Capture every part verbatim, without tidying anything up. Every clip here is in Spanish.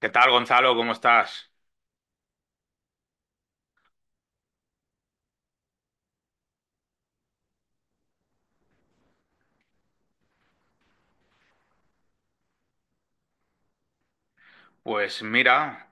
¿Qué tal, Gonzalo? ¿Cómo estás? Pues mira,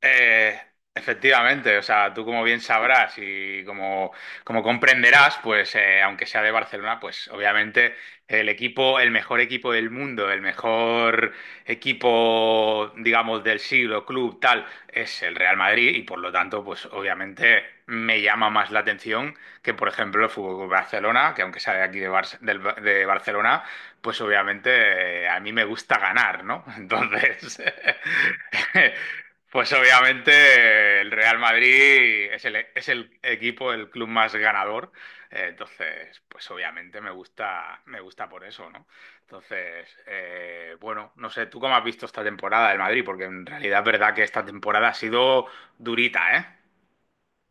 Eh, efectivamente, o sea, tú como bien sabrás y como, como comprenderás, pues eh, aunque sea de Barcelona, pues obviamente el equipo, el mejor equipo del mundo, el mejor equipo, digamos, del siglo, club, tal, es el Real Madrid y por lo tanto, pues obviamente me llama más la atención que, por ejemplo, el Fútbol Club Barcelona, que aunque sea de aquí de, Bar- del- de Barcelona, pues obviamente eh, a mí me gusta ganar, ¿no? Entonces... Pues obviamente el Real Madrid es el, es el equipo, el club más ganador. Eh, Entonces, pues obviamente me gusta, me gusta por eso, ¿no? Entonces, eh, bueno, no sé, ¿tú cómo has visto esta temporada del Madrid? Porque en realidad es verdad que esta temporada ha sido durita, ¿eh?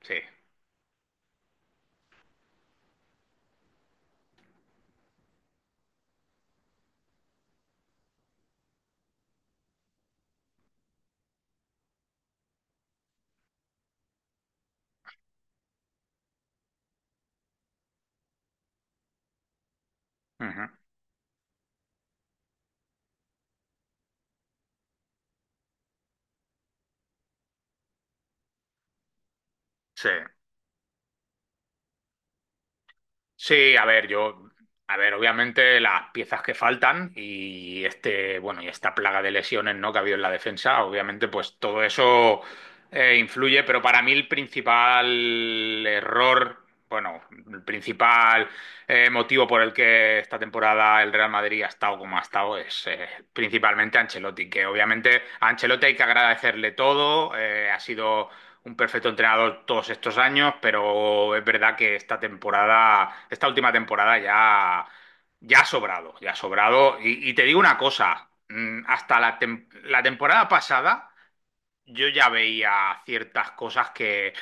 Sí. Ujú. Sí. Sí, a ver, yo, a ver, obviamente las piezas que faltan y este, bueno, y esta plaga de lesiones, ¿no?, que ha habido en la defensa, obviamente, pues todo eso eh, influye, pero para mí el principal error, bueno, el principal eh, motivo por el que esta temporada el Real Madrid ha estado como ha estado es eh, principalmente Ancelotti, que obviamente a Ancelotti hay que agradecerle todo. Eh, ha sido un perfecto entrenador todos estos años, pero es verdad que esta temporada, esta última temporada ya, ya ha sobrado, ya ha sobrado. Y, y te digo una cosa, mm, hasta la, tem- la temporada pasada yo ya veía ciertas cosas que,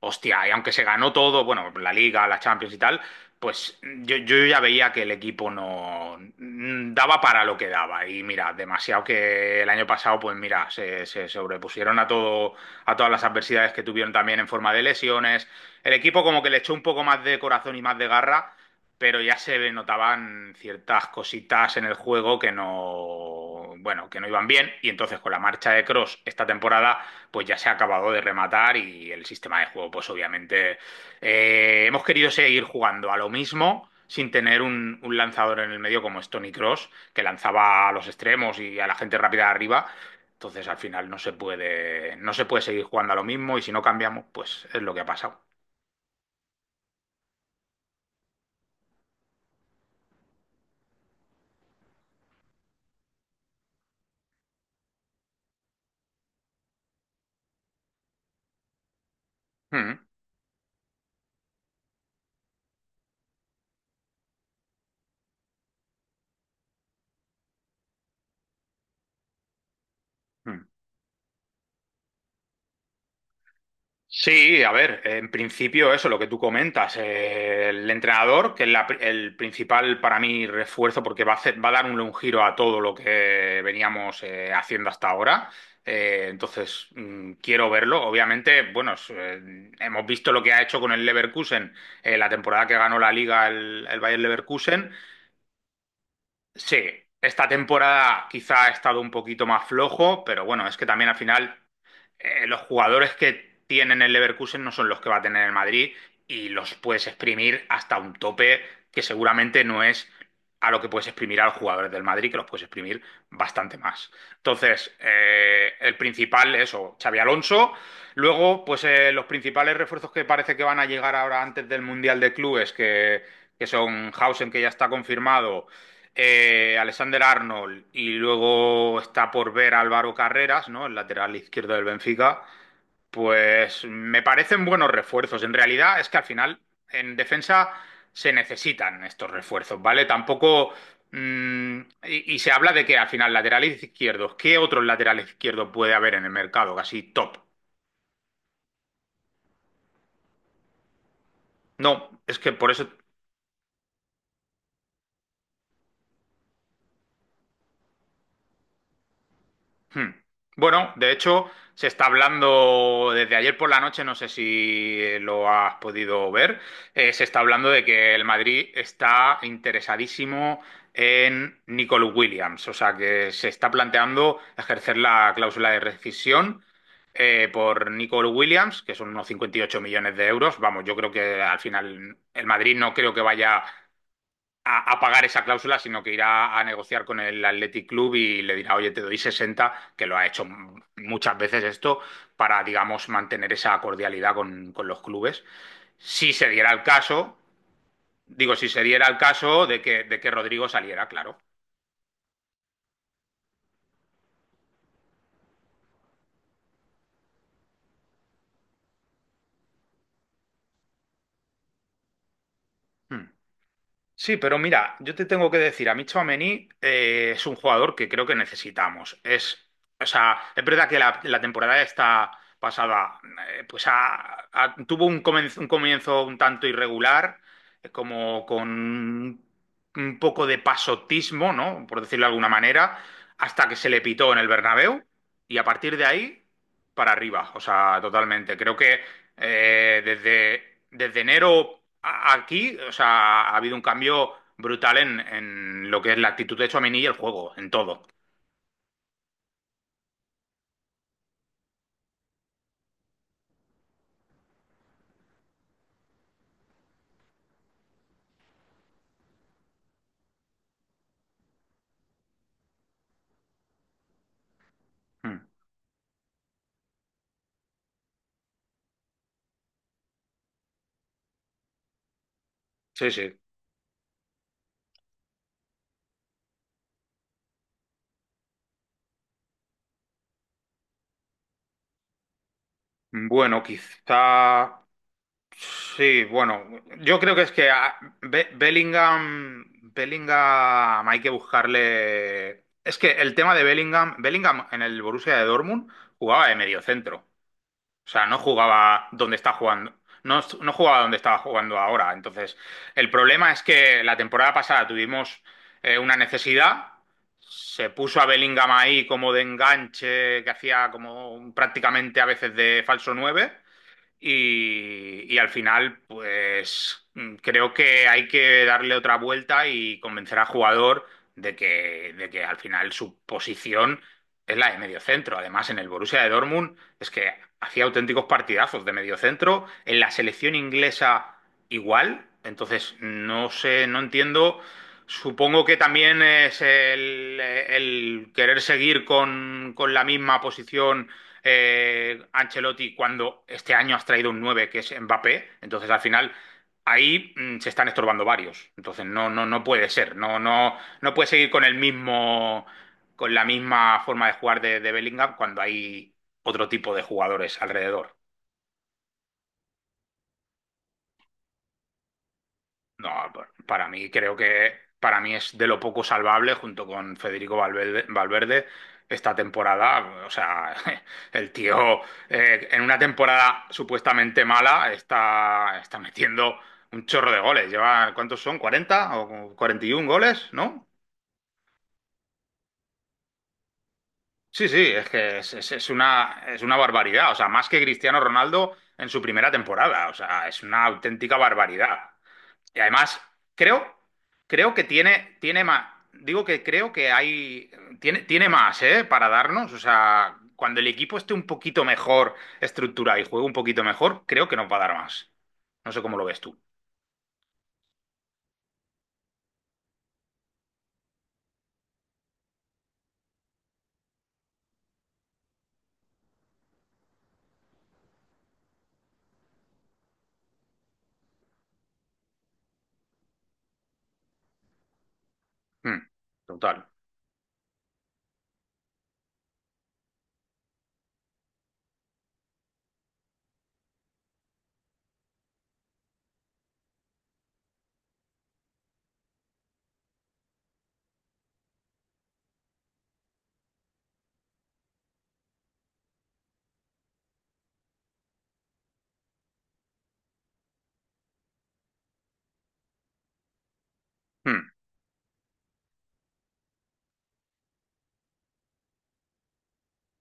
hostia, y aunque se ganó todo, bueno, la Liga, la Champions y tal, pues yo, yo ya veía que el equipo no mm, daba para lo que daba. Y mira, demasiado que el año pasado, pues mira, se, se sobrepusieron a todo, a todas las adversidades que tuvieron también en forma de lesiones. El equipo como que le echó un poco más de corazón y más de garra, pero ya se notaban ciertas cositas en el juego que no, bueno, que no iban bien, y entonces con la marcha de Cross esta temporada pues ya se ha acabado de rematar, y el sistema de juego pues obviamente eh, hemos querido seguir jugando a lo mismo sin tener un, un lanzador en el medio como es Tony Cross, que lanzaba a los extremos y a la gente rápida de arriba. Entonces al final no se puede, no se puede seguir jugando a lo mismo, y si no cambiamos pues es lo que ha pasado. Mm, mm. Sí, a ver, en principio eso, lo que tú comentas, eh, el entrenador, que es la pri- el principal para mí refuerzo, porque va a hacer- va a dar un, un giro a todo lo que veníamos eh, haciendo hasta ahora. Eh, entonces, mm, quiero verlo. Obviamente, bueno, es, eh, hemos visto lo que ha hecho con el Leverkusen, eh, la temporada que ganó la Liga el, el Bayer Leverkusen. Sí, esta temporada quizá ha estado un poquito más flojo, pero bueno, es que también al final eh, los jugadores que tienen el Leverkusen no son los que va a tener el Madrid, y los puedes exprimir hasta un tope que seguramente no es a lo que puedes exprimir a los jugadores del Madrid, que los puedes exprimir bastante más. Entonces, eh, el principal es eso, Xavi Alonso. Luego, pues eh, los principales refuerzos que parece que van a llegar ahora antes del Mundial de Clubes, que, que son Hausen, que ya está confirmado, eh, Alexander Arnold, y luego está por ver Álvaro Carreras, ¿no? El lateral izquierdo del Benfica. Pues me parecen buenos refuerzos. En realidad es que al final en defensa se necesitan estos refuerzos, ¿vale? Tampoco. mmm, y, y se habla de que al final laterales izquierdos, ¿qué otros laterales izquierdos puede haber en el mercado? Casi top. No, es que por eso... Hmm. Bueno, de hecho, se está hablando desde ayer por la noche, no sé si lo has podido ver, eh, se está hablando de que el Madrid está interesadísimo en Nicolás Williams, o sea que se está planteando ejercer la cláusula de rescisión eh, por Nicolás Williams, que son unos cincuenta y ocho millones de euros. Vamos, yo creo que al final el Madrid no creo que vaya a, a pagar esa cláusula, sino que irá a negociar con el Athletic Club y le dirá: oye, te doy sesenta, que lo ha hecho m- muchas veces esto, para, digamos, mantener esa cordialidad con, con los clubes. Si se diera el caso, digo, si se diera el caso de que, de que Rodrigo saliera, claro. Hmm. Sí, pero mira, yo te tengo que decir, a mí Tchouaméni eh, es un jugador que creo que necesitamos. Es, o sea, es verdad que la, la temporada esta pasada eh, pues ha- ha- tuvo un comienzo, un comienzo un tanto irregular, eh, como con un poco de pasotismo, ¿no? Por decirlo de alguna manera, hasta que se le pitó en el Bernabéu, y a partir de ahí para arriba, o sea, totalmente. Creo que eh, desde, desde enero a- aquí, o sea, ha habido un cambio brutal en, en lo que es la actitud de Tchouaméni y el juego, en todo. Mm. Sí, sí. Bueno, quizá... Sí, bueno, yo creo que es que a- Be- Bellingham, Bellingham hay que buscarle... Es que el tema de Bellingham, Bellingham en el Borussia de Dortmund jugaba de mediocentro. O sea, no jugaba donde está jugando. No, no jugaba donde estaba jugando ahora. Entonces, el problema es que la temporada pasada tuvimos eh, una necesidad. Se puso a Bellingham ahí como de enganche, que hacía como un- prácticamente a veces de falso nueve. Y, y al final, pues mm, creo que hay que darle otra vuelta y convencer al jugador de que, de que al final su posición es la de mediocentro. Además, en el Borussia de Dortmund es que hacía auténticos partidazos de mediocentro. En la selección inglesa igual. Entonces, no sé, no entiendo. Supongo que también es el, el querer seguir con, con la misma posición. eh, Ancelotti cuando este año has traído un nueve que es Mbappé, entonces al final ahí mm, se están estorbando varios. Entonces no, no, no puede ser, no, no, no puede seguir con el mismo, con la misma forma de jugar de, de Bellingham cuando hay otro tipo de jugadores alrededor. No, pa- para mí creo que para mí es de lo poco salvable junto con Federico Valverde, Valverde esta temporada. O sea, el tío eh, en una temporada supuestamente mala está, está metiendo un chorro de goles. Lleva, ¿cuántos son?, ¿cuarenta o cuarenta y un goles? ¿No? Sí, sí, es que es, es- es una, es una barbaridad. O sea, más que Cristiano Ronaldo en su primera temporada. O sea, es una auténtica barbaridad. Y además, creo, creo que tiene, tiene más, digo que creo que hay, tiene, tiene más, ¿eh? Para darnos, o sea, cuando el equipo esté un poquito mejor estructurado y juegue un poquito mejor, creo que nos va a dar más. No sé cómo lo ves tú. Mm, total. Mm.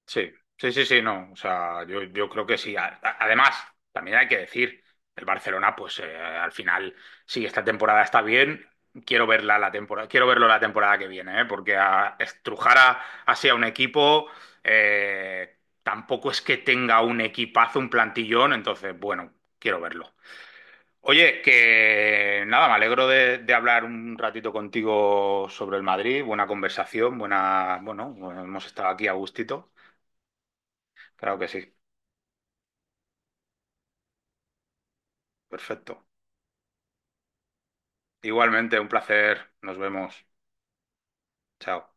Sí, sí, sí, sí, no. O sea, yo, yo creo que sí. A- a- Además, también hay que decir, el Barcelona, pues eh, al final, sí, esta temporada está bien. Quiero verla la temporada, quiero verlo la temporada que viene, ¿eh? Porque a, estrujar a- así a un equipo eh, tampoco es que tenga un equipazo, un plantillón, entonces, bueno, quiero verlo. Oye, que nada, me alegro de, de hablar un ratito contigo sobre el Madrid. Buena conversación, buena, bueno, hemos estado aquí a gustito. Claro que sí. Perfecto. Igualmente, un placer. Nos vemos. Chao.